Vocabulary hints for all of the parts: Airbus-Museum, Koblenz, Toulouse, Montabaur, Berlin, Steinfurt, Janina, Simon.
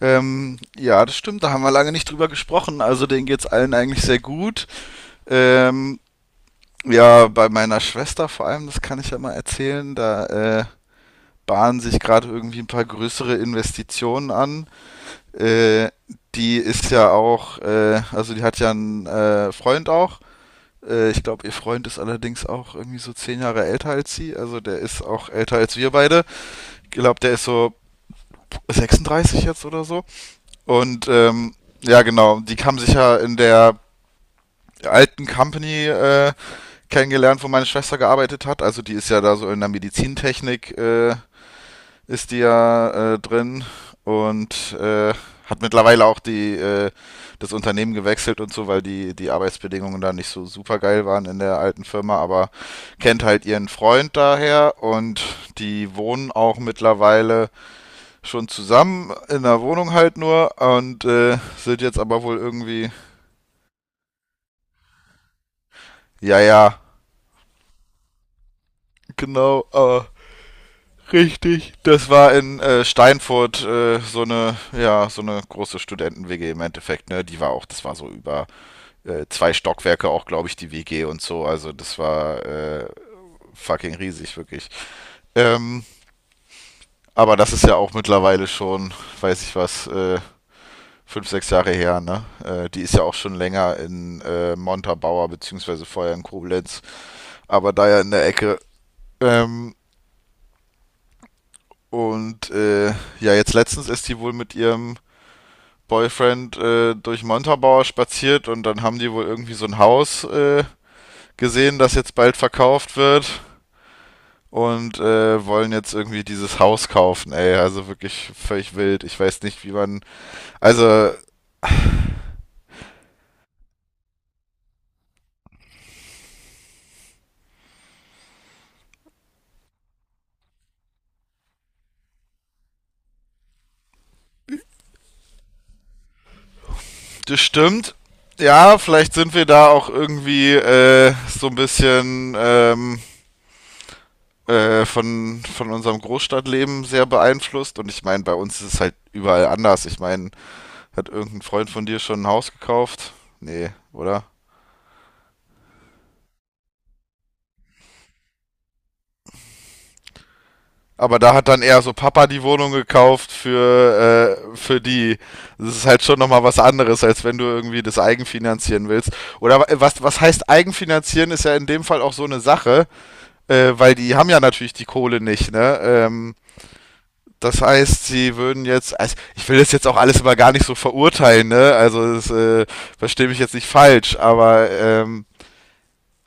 Ja, das stimmt, da haben wir lange nicht drüber gesprochen. Also denen geht's allen eigentlich sehr gut. Ähm, ja, bei meiner Schwester vor allem, das kann ich ja mal erzählen, da bahnen sich gerade irgendwie ein paar größere Investitionen an. Äh, Die ist ja auch, also die hat ja einen Freund auch. Ich glaube, ihr Freund ist allerdings auch irgendwie so 10 Jahre älter als sie. Also der ist auch älter als wir beide. Ich glaube, der ist so 36 jetzt oder so. Und ja, genau, die haben sich ja in der alten Company kennengelernt, wo meine Schwester gearbeitet hat. Also die ist ja da so in der Medizintechnik, ist die ja drin und hat mittlerweile auch das Unternehmen gewechselt und so, weil die Arbeitsbedingungen da nicht so super geil waren in der alten Firma, aber kennt halt ihren Freund daher und die wohnen auch mittlerweile schon zusammen in der Wohnung halt nur und sind jetzt aber wohl irgendwie, ja, ja, genau, aber richtig. Das war in Steinfurt, so eine, ja, so eine große Studenten-WG im Endeffekt, ne? Die war auch, das war so über 2 Stockwerke auch, glaube ich, die WG und so. Also das war fucking riesig, wirklich. Ähm, aber das ist ja auch mittlerweile schon, weiß ich was, 5, 6 Jahre her, ne? Die ist ja auch schon länger in Montabaur, beziehungsweise vorher in Koblenz, aber da ja in der Ecke. Ähm, und ja, jetzt letztens ist die wohl mit ihrem Boyfriend durch Montabaur spaziert und dann haben die wohl irgendwie so ein Haus gesehen, das jetzt bald verkauft wird und wollen jetzt irgendwie dieses Haus kaufen, ey. Also wirklich völlig wild. Ich weiß nicht, wie man. Also. Das stimmt. Ja, vielleicht sind wir da auch irgendwie so ein bisschen von unserem Großstadtleben sehr beeinflusst. Und ich meine, bei uns ist es halt überall anders. Ich meine, hat irgendein Freund von dir schon ein Haus gekauft? Nee, oder? Aber da hat dann eher so Papa die Wohnung gekauft für die. Das ist halt schon nochmal was anderes, als wenn du irgendwie das eigenfinanzieren willst. Oder was, was heißt eigenfinanzieren, ist ja in dem Fall auch so eine Sache. Weil die haben ja natürlich die Kohle nicht, ne? Das heißt, sie würden jetzt, also ich will das jetzt auch alles immer gar nicht so verurteilen, ne? Verstehe mich jetzt nicht falsch, aber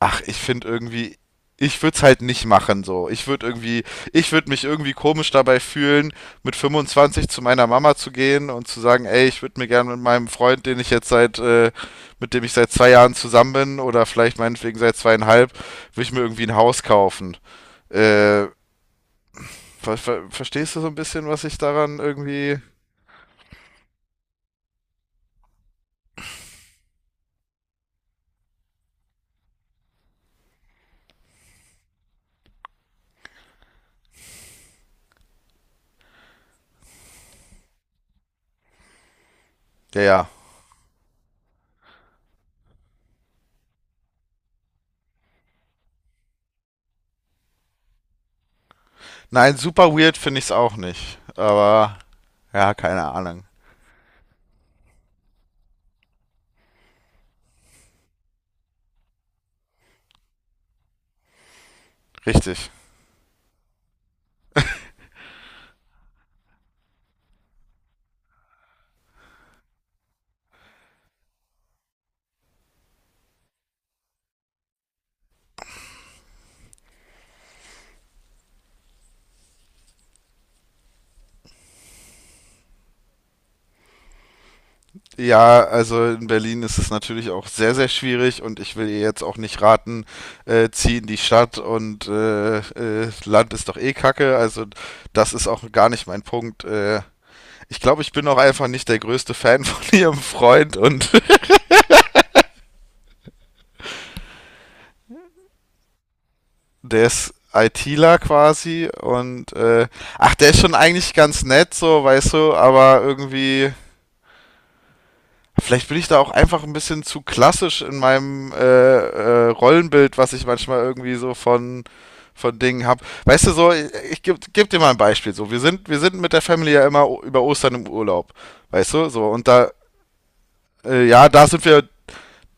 ach, ich finde irgendwie, ich würde es halt nicht machen so. Ich würde irgendwie, ich würde mich irgendwie komisch dabei fühlen, mit 25 zu meiner Mama zu gehen und zu sagen, ey, ich würde mir gerne mit meinem Freund, den ich jetzt, mit dem ich seit 2 Jahren zusammen bin oder vielleicht meinetwegen seit zweieinhalb, würde ich mir irgendwie ein Haus kaufen. Äh, ver verstehst du so ein bisschen, was ich daran irgendwie. Ja, ja. Nein, super weird finde ich es auch nicht. Aber ja, keine Ahnung. Richtig. Ja, also in Berlin ist es natürlich auch sehr, sehr schwierig und ich will ihr jetzt auch nicht raten, zieh in die Stadt und Land ist doch eh Kacke. Also das ist auch gar nicht mein Punkt. Ich glaube, ich bin auch einfach nicht der größte Fan von ihrem Freund. Und der ist ITler quasi und ach, der ist schon eigentlich ganz nett, so, weißt du, aber irgendwie, vielleicht bin ich da auch einfach ein bisschen zu klassisch in meinem Rollenbild, was ich manchmal irgendwie so von Dingen habe. Weißt du so, ich gebe geb dir mal ein Beispiel. So, wir sind mit der Family ja immer über Ostern im Urlaub, weißt du? So, und da, ja, da sind wir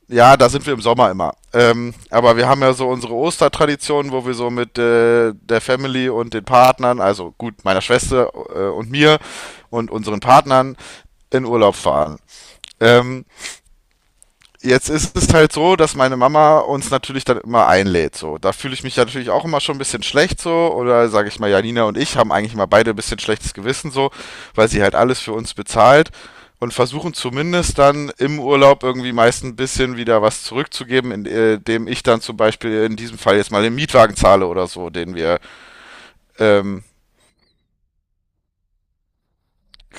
Ja, da sind wir im Sommer immer. Aber wir haben ja so unsere Ostertradition, wo wir so mit der Family und den Partnern, also gut, meiner Schwester und mir und unseren Partnern in Urlaub fahren. Ähm, Jetzt ist es halt so, dass meine Mama uns natürlich dann immer einlädt. So, da fühle ich mich ja natürlich auch immer schon ein bisschen schlecht so. Oder sage ich mal, Janina und ich haben eigentlich immer beide ein bisschen schlechtes Gewissen so, weil sie halt alles für uns bezahlt und versuchen zumindest dann im Urlaub irgendwie meist ein bisschen wieder was zurückzugeben, indem ich dann zum Beispiel in diesem Fall jetzt mal den Mietwagen zahle oder so, den wir ähm,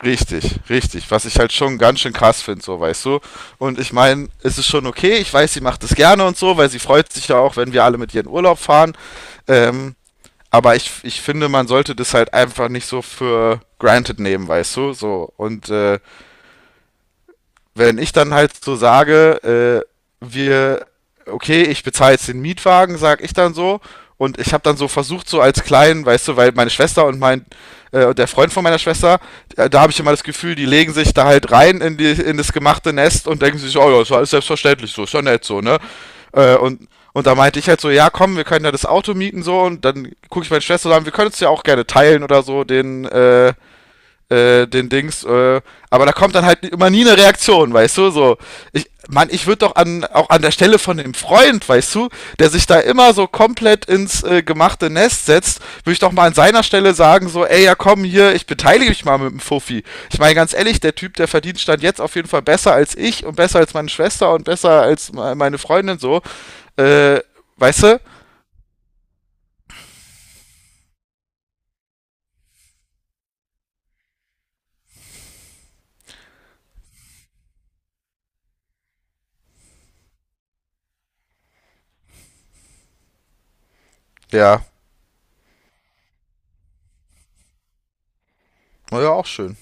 Richtig, richtig. Was ich halt schon ganz schön krass finde, so weißt du. Und ich meine, es ist schon okay. Ich weiß, sie macht es gerne und so, weil sie freut sich ja auch, wenn wir alle mit ihr in Urlaub fahren. Ähm, aber ich finde, man sollte das halt einfach nicht so für granted nehmen, weißt du. So, wenn ich dann halt so sage, äh, wir, okay, ich bezahle jetzt den Mietwagen, sag ich dann so. Und ich habe dann so versucht, so als kleinen, weißt du, weil meine Schwester und der Freund von meiner Schwester, da habe ich immer das Gefühl, die legen sich da halt rein in, die, in das gemachte Nest und denken sich, oh ja, ist ja alles selbstverständlich so, ist ja nett so, ne? Äh, und, und da meinte ich halt so, ja komm, wir können ja das Auto mieten so und dann gucke ich meine Schwester so an, wir können es ja auch gerne teilen oder so, äh, den Dings, äh, aber da kommt dann halt immer nie eine Reaktion, weißt du, so. Ich, Mann, ich würde doch an, auch an der Stelle von dem Freund, weißt du, der sich da immer so komplett ins gemachte Nest setzt, würde ich doch mal an seiner Stelle sagen, so, ey, ja komm hier, ich beteilige mich mal mit dem Fuffi. Ich meine, ganz ehrlich, der Typ, der verdient stand jetzt auf jeden Fall besser als ich und besser als meine Schwester und besser als meine Freundin, so, äh, weißt du? Ja, war ja auch schön.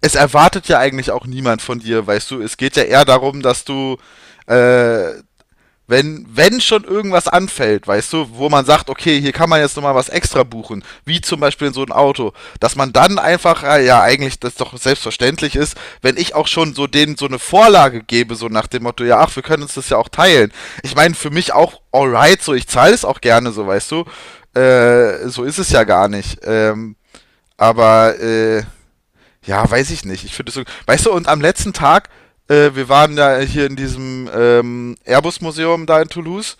Es erwartet ja eigentlich auch niemand von dir, weißt du. Es geht ja eher darum, dass du, äh, wenn, wenn schon irgendwas anfällt, weißt du, wo man sagt, okay, hier kann man jetzt nochmal was extra buchen, wie zum Beispiel in so ein Auto, dass man dann einfach, ja, eigentlich das doch selbstverständlich ist, wenn ich auch schon so denen so eine Vorlage gebe, so nach dem Motto, ja, ach, wir können uns das ja auch teilen. Ich meine, für mich auch alright, so, ich zahle es auch gerne, so, weißt du. So ist es ja gar nicht. Aber, äh, ja, weiß ich nicht. Ich finde es so. Weißt du, und am letzten Tag, wir waren ja hier in diesem Airbus-Museum da in Toulouse.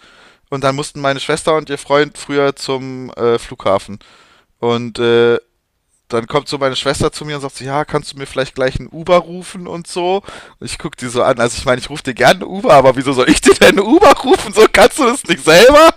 Und dann mussten meine Schwester und ihr Freund früher zum Flughafen. Und dann kommt so meine Schwester zu mir und sagt so, ja, kannst du mir vielleicht gleich einen Uber rufen und so? Und ich guck die so an, also ich meine, ich rufe dir gerne einen Uber, aber wieso soll ich dir denn einen Uber rufen? So kannst du das nicht selber?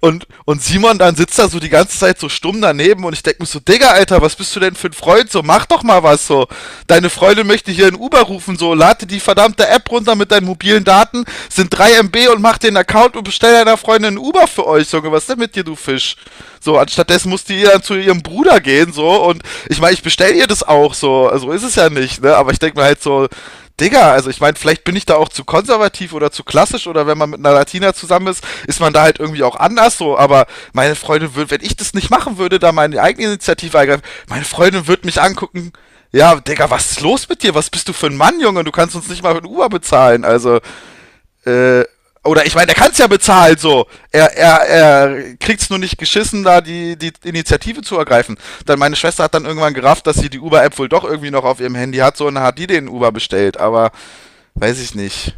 Und Simon dann sitzt da so die ganze Zeit so stumm daneben und ich denke mir so, Digga, Alter, was bist du denn für ein Freund? So, mach doch mal was so. Deine Freundin möchte hier einen Uber rufen, so, lade die verdammte App runter mit deinen mobilen Daten, sind 3 MB und mach den Account und bestell deiner Freundin einen Uber für euch, Junge, was ist denn mit dir, du Fisch? So, anstattdessen musste ihr dann zu ihrem Bruder gehen, so, und ich meine, ich bestell ihr das auch, so, so ist es ja nicht, ne? Aber ich denke mir halt so, Digga, also ich meine, vielleicht bin ich da auch zu konservativ oder zu klassisch oder wenn man mit einer Latina zusammen ist, ist man da halt irgendwie auch anders so, aber meine Freundin würde, wenn ich das nicht machen würde, da meine eigene Initiative ergreifen, meine Freundin würde mich angucken, ja, Digga, was ist los mit dir? Was bist du für ein Mann, Junge? Du kannst uns nicht mal für ein Uber bezahlen, also, äh, oder ich meine, er kann es ja bezahlen, so. Er, er, er kriegt es nur nicht geschissen, da die Initiative zu ergreifen. Dann meine Schwester hat dann irgendwann gerafft, dass sie die Uber-App wohl doch irgendwie noch auf ihrem Handy hat, so und dann hat die den Uber bestellt. Aber weiß ich nicht,